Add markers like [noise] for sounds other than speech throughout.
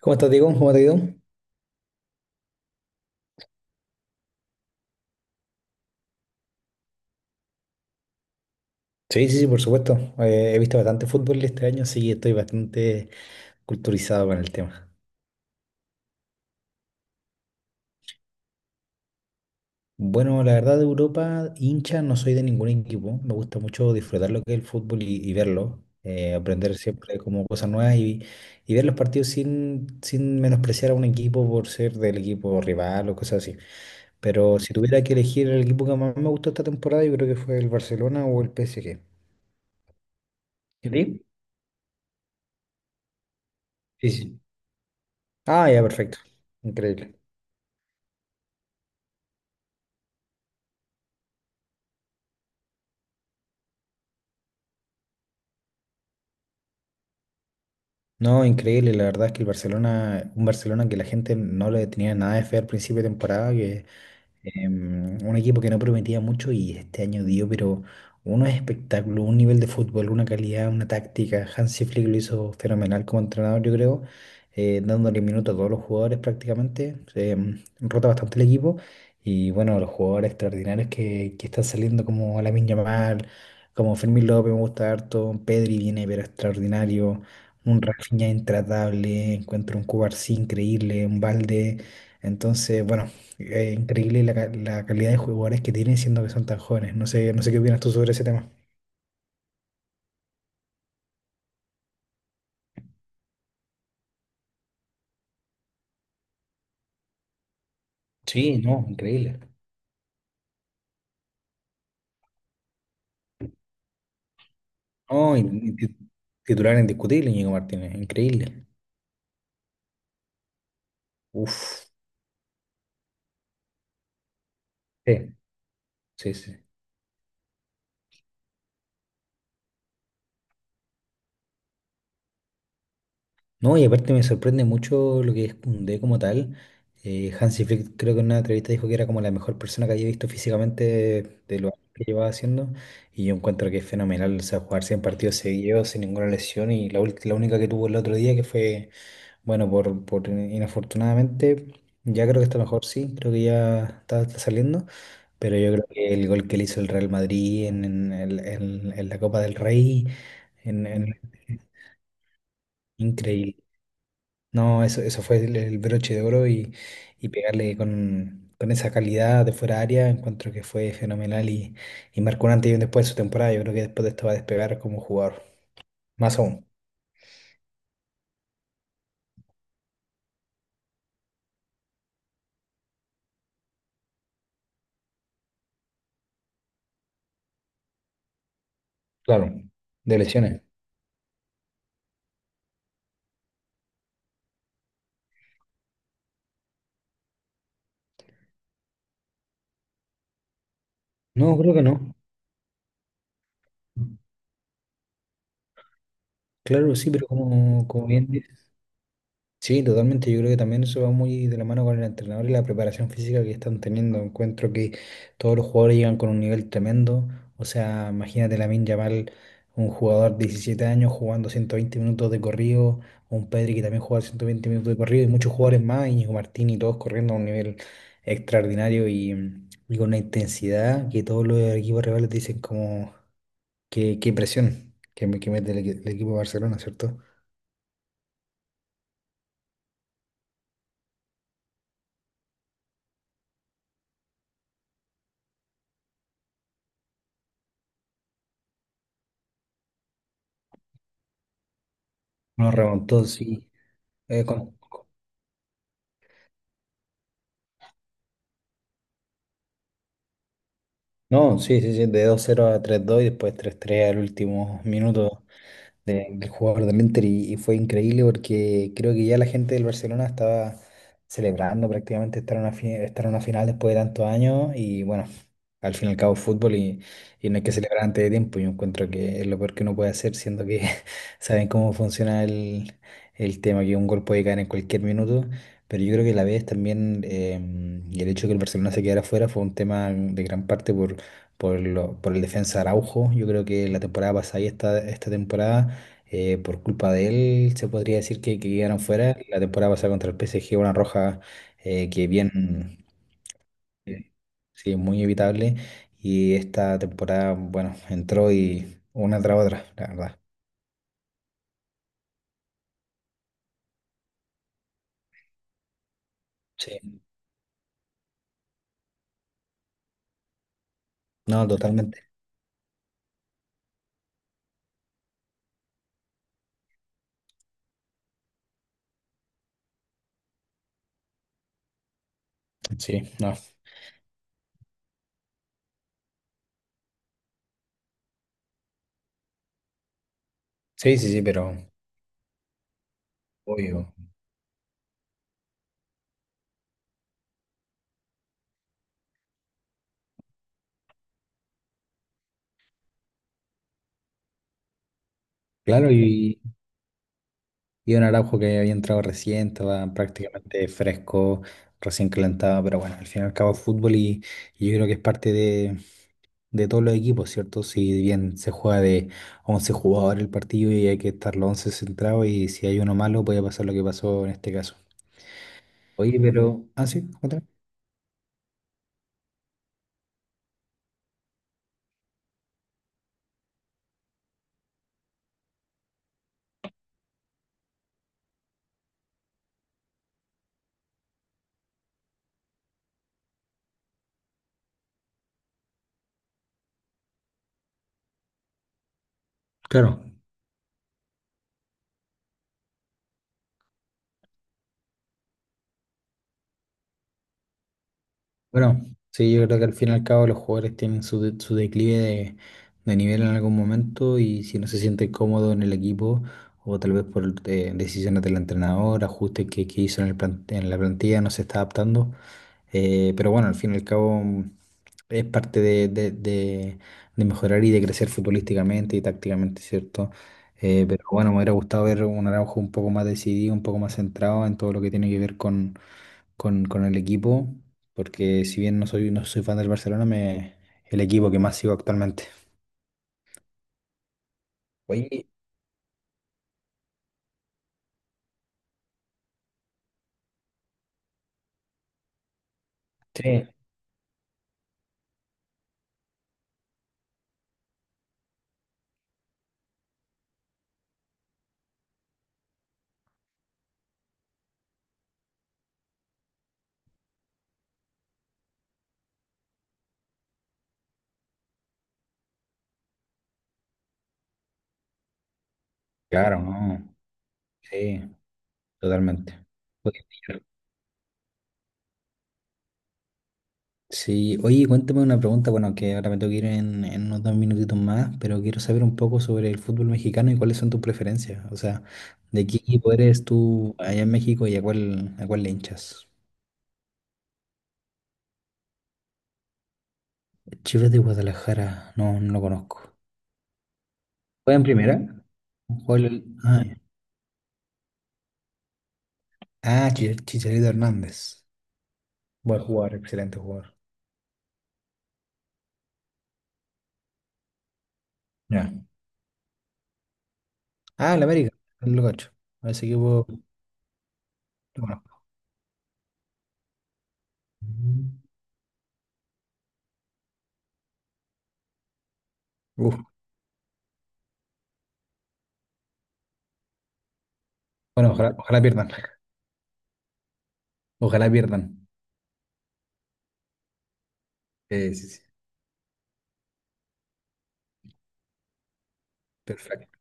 ¿Cómo estás, Diego? ¿Cómo te ha ido? Sí, sí, sí, por supuesto. He visto bastante fútbol este año, así que estoy bastante culturizado con el tema. Bueno, la verdad de Europa, hincha, no soy de ningún equipo. Me gusta mucho disfrutar lo que es el fútbol y verlo, aprender siempre como cosas nuevas y ver los partidos sin menospreciar a un equipo por ser del equipo rival o cosas así. Pero si tuviera que elegir el equipo que más me gustó esta temporada, yo creo que fue el Barcelona o el PSG. ¿Y a ti? Sí, sí. Ah, ya, perfecto. Increíble. No, increíble, la verdad es que el Barcelona, un Barcelona que la gente no le tenía nada de fe al principio de temporada, que un equipo que no prometía mucho y este año dio, pero unos espectáculo un nivel de fútbol, una calidad, una táctica. Hansi Flick lo hizo fenomenal como entrenador, yo creo, dándole minutos a todos los jugadores prácticamente. Rota bastante el equipo y bueno, los jugadores extraordinarios que están saliendo como Lamine Yamal, como Fermín López, me gusta harto, Pedri viene, pero extraordinario. Un Rafinha intratable, encuentro un Cubarsí increíble, un Balde. Entonces, bueno. Increíble la calidad de jugadores que tienen siendo que son tan jóvenes. No sé qué opinas tú sobre ese tema. Sí, no, increíble. No, titular indiscutible, Íñigo Martínez, increíble. Uf, sí, sí, sí. No, y aparte me sorprende mucho lo que es Koundé como tal. Hansi Flick creo que en una entrevista dijo que era como la mejor persona que había visto físicamente de lo que llevaba haciendo. Y yo encuentro que es fenomenal, o sea, jugar 100 partidos seguidos sin ninguna lesión y la, la única que tuvo el otro día que fue bueno, por inafortunadamente, ya creo que está mejor, sí, creo que ya está saliendo, pero yo creo que el gol que le hizo el Real Madrid en la Copa del Rey, en, en- increíble. No, eso fue el broche de oro y pegarle con esa calidad de fuera de área, encuentro que fue fenomenal y marcó un antes y un después de su temporada. Yo creo que después de esto va a despegar como jugador, más aún, claro, de lesiones. No, creo que no. Claro, sí, pero como, como bien dice. Sí, totalmente. Yo creo que también eso va muy de la mano con el entrenador y la preparación física que están teniendo. Encuentro que todos los jugadores llegan con un nivel tremendo. O sea, imagínate Lamine Yamal, un jugador de 17 años jugando 120 minutos de corrido, un Pedri que también juega 120 minutos de corrido y muchos jugadores más, Íñigo Martín y todos corriendo a un nivel extraordinario y con una intensidad que todos los equipos rivales dicen como qué, qué presión que, que mete el equipo de Barcelona, ¿cierto? Nos remontó, sí. Eh, con- No, sí, sí, sí, de 2-0 a 3-2 y después 3-3 al último minuto del jugador de Inter y fue increíble porque creo que ya la gente del Barcelona estaba celebrando prácticamente estar en una final después de tantos años y bueno, al fin y al cabo es fútbol y no hay que celebrar antes de tiempo. Yo encuentro que es lo peor que uno puede hacer, siendo que [laughs] saben cómo funciona el tema, que un gol puede caer en cualquier minuto. Pero yo creo que la vez también, y el hecho de que el Barcelona se quedara fuera fue un tema de gran parte por el defensa Araujo. Yo creo que la temporada pasada y esta temporada por culpa de él, se podría decir que quedaron fuera. La temporada pasada contra el PSG, una roja que bien, eh, sí, muy evitable. Y esta temporada, bueno, entró y una tras otra, la verdad. Sí, no, totalmente. Sí, no. Sí, sí, sí, pero obvio. Claro, y un Araujo que había entrado recién, estaba prácticamente fresco, recién calentado, pero bueno, al fin y al cabo es fútbol y yo creo que es parte de todos los equipos, ¿cierto? Si bien se juega de 11 jugadores el partido y hay que estar los 11 centrados y si hay uno malo puede pasar lo que pasó en este caso. Oye, pero... Ah, sí, otra. Claro, bueno, sí, yo creo que al fin y al cabo los jugadores tienen su, su declive de nivel en algún momento y si no se siente cómodo en el equipo o tal vez por decisiones del entrenador, ajustes que hizo en el plan- en la plantilla, no se está adaptando. Pero bueno, al fin y al cabo es parte de mejorar y de crecer futbolísticamente y tácticamente, ¿cierto? Pero bueno, me hubiera gustado ver un Araujo un poco más decidido, un poco más centrado en todo lo que tiene que ver con el equipo porque si bien no soy fan del Barcelona, me, el equipo que más sigo actualmente. Oye, sí, claro, no, sí, totalmente. Oye, sí, oye, cuéntame una pregunta, bueno, que ahora me tengo que ir en unos dos minutitos más, pero quiero saber un poco sobre el fútbol mexicano y cuáles son tus preferencias, o sea, ¿de qué equipo eres tú allá en México y a cuál le hinchas? Chivas de Guadalajara, no lo conozco. ¿Juega en primera? ¿Juega el- Ah, ah, Chicharito Hernández. Buen jugador, excelente jugador. Ya. Ah, el América, el Locacho. A ese equipo, bueno. Uf, bueno, ojalá, ojalá pierdan. Ojalá pierdan. Sí, sí, sí. Perfecto.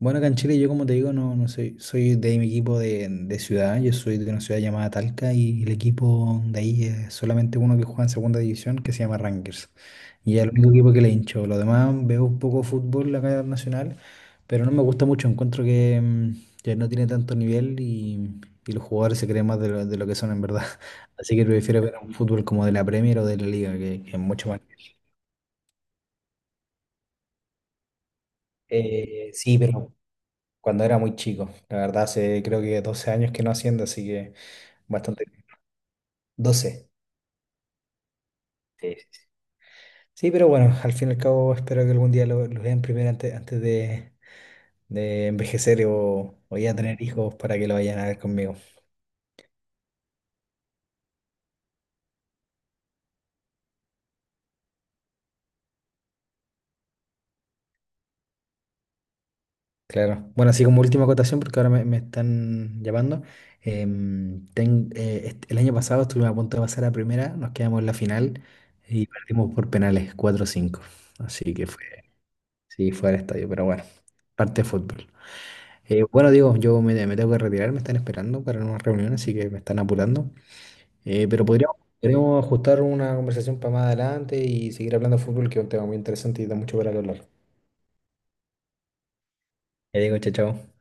Bueno, acá en Chile yo como te digo, no, soy de mi equipo de ciudad, yo soy de una ciudad llamada Talca y el equipo de ahí es solamente uno que juega en segunda división que se llama Rangers. Y es el único equipo que le hincho. Lo demás veo un poco fútbol acá nacional. Pero no me gusta mucho, encuentro que, que no tiene tanto nivel y los jugadores se creen más de lo que son en verdad. [laughs] Así que prefiero ver un fútbol como de la Premier o de la Liga, que es mucho más. Sí, pero cuando era muy chico, la verdad, hace creo que 12 años que no haciendo, así que bastante. 12. Sí, sí, sí. Sí, pero bueno, al fin y al cabo espero que algún día lo vean primero antes de envejecer o ya tener hijos para que lo vayan a ver conmigo. Claro. Bueno, así como última acotación, porque ahora me están llamando. El año pasado estuvimos a punto de pasar a primera, nos quedamos en la final y perdimos por penales 4 cinco, así que fue, sí, fue al estadio, pero bueno, parte de fútbol. Bueno, digo, yo me tengo que retirar, me están esperando para una reunión, así que me están apurando. Pero podríamos, podríamos ajustar una conversación para más adelante y seguir hablando de fútbol, que es un tema muy interesante y da mucho para hablar. Ya digo, chao, chao.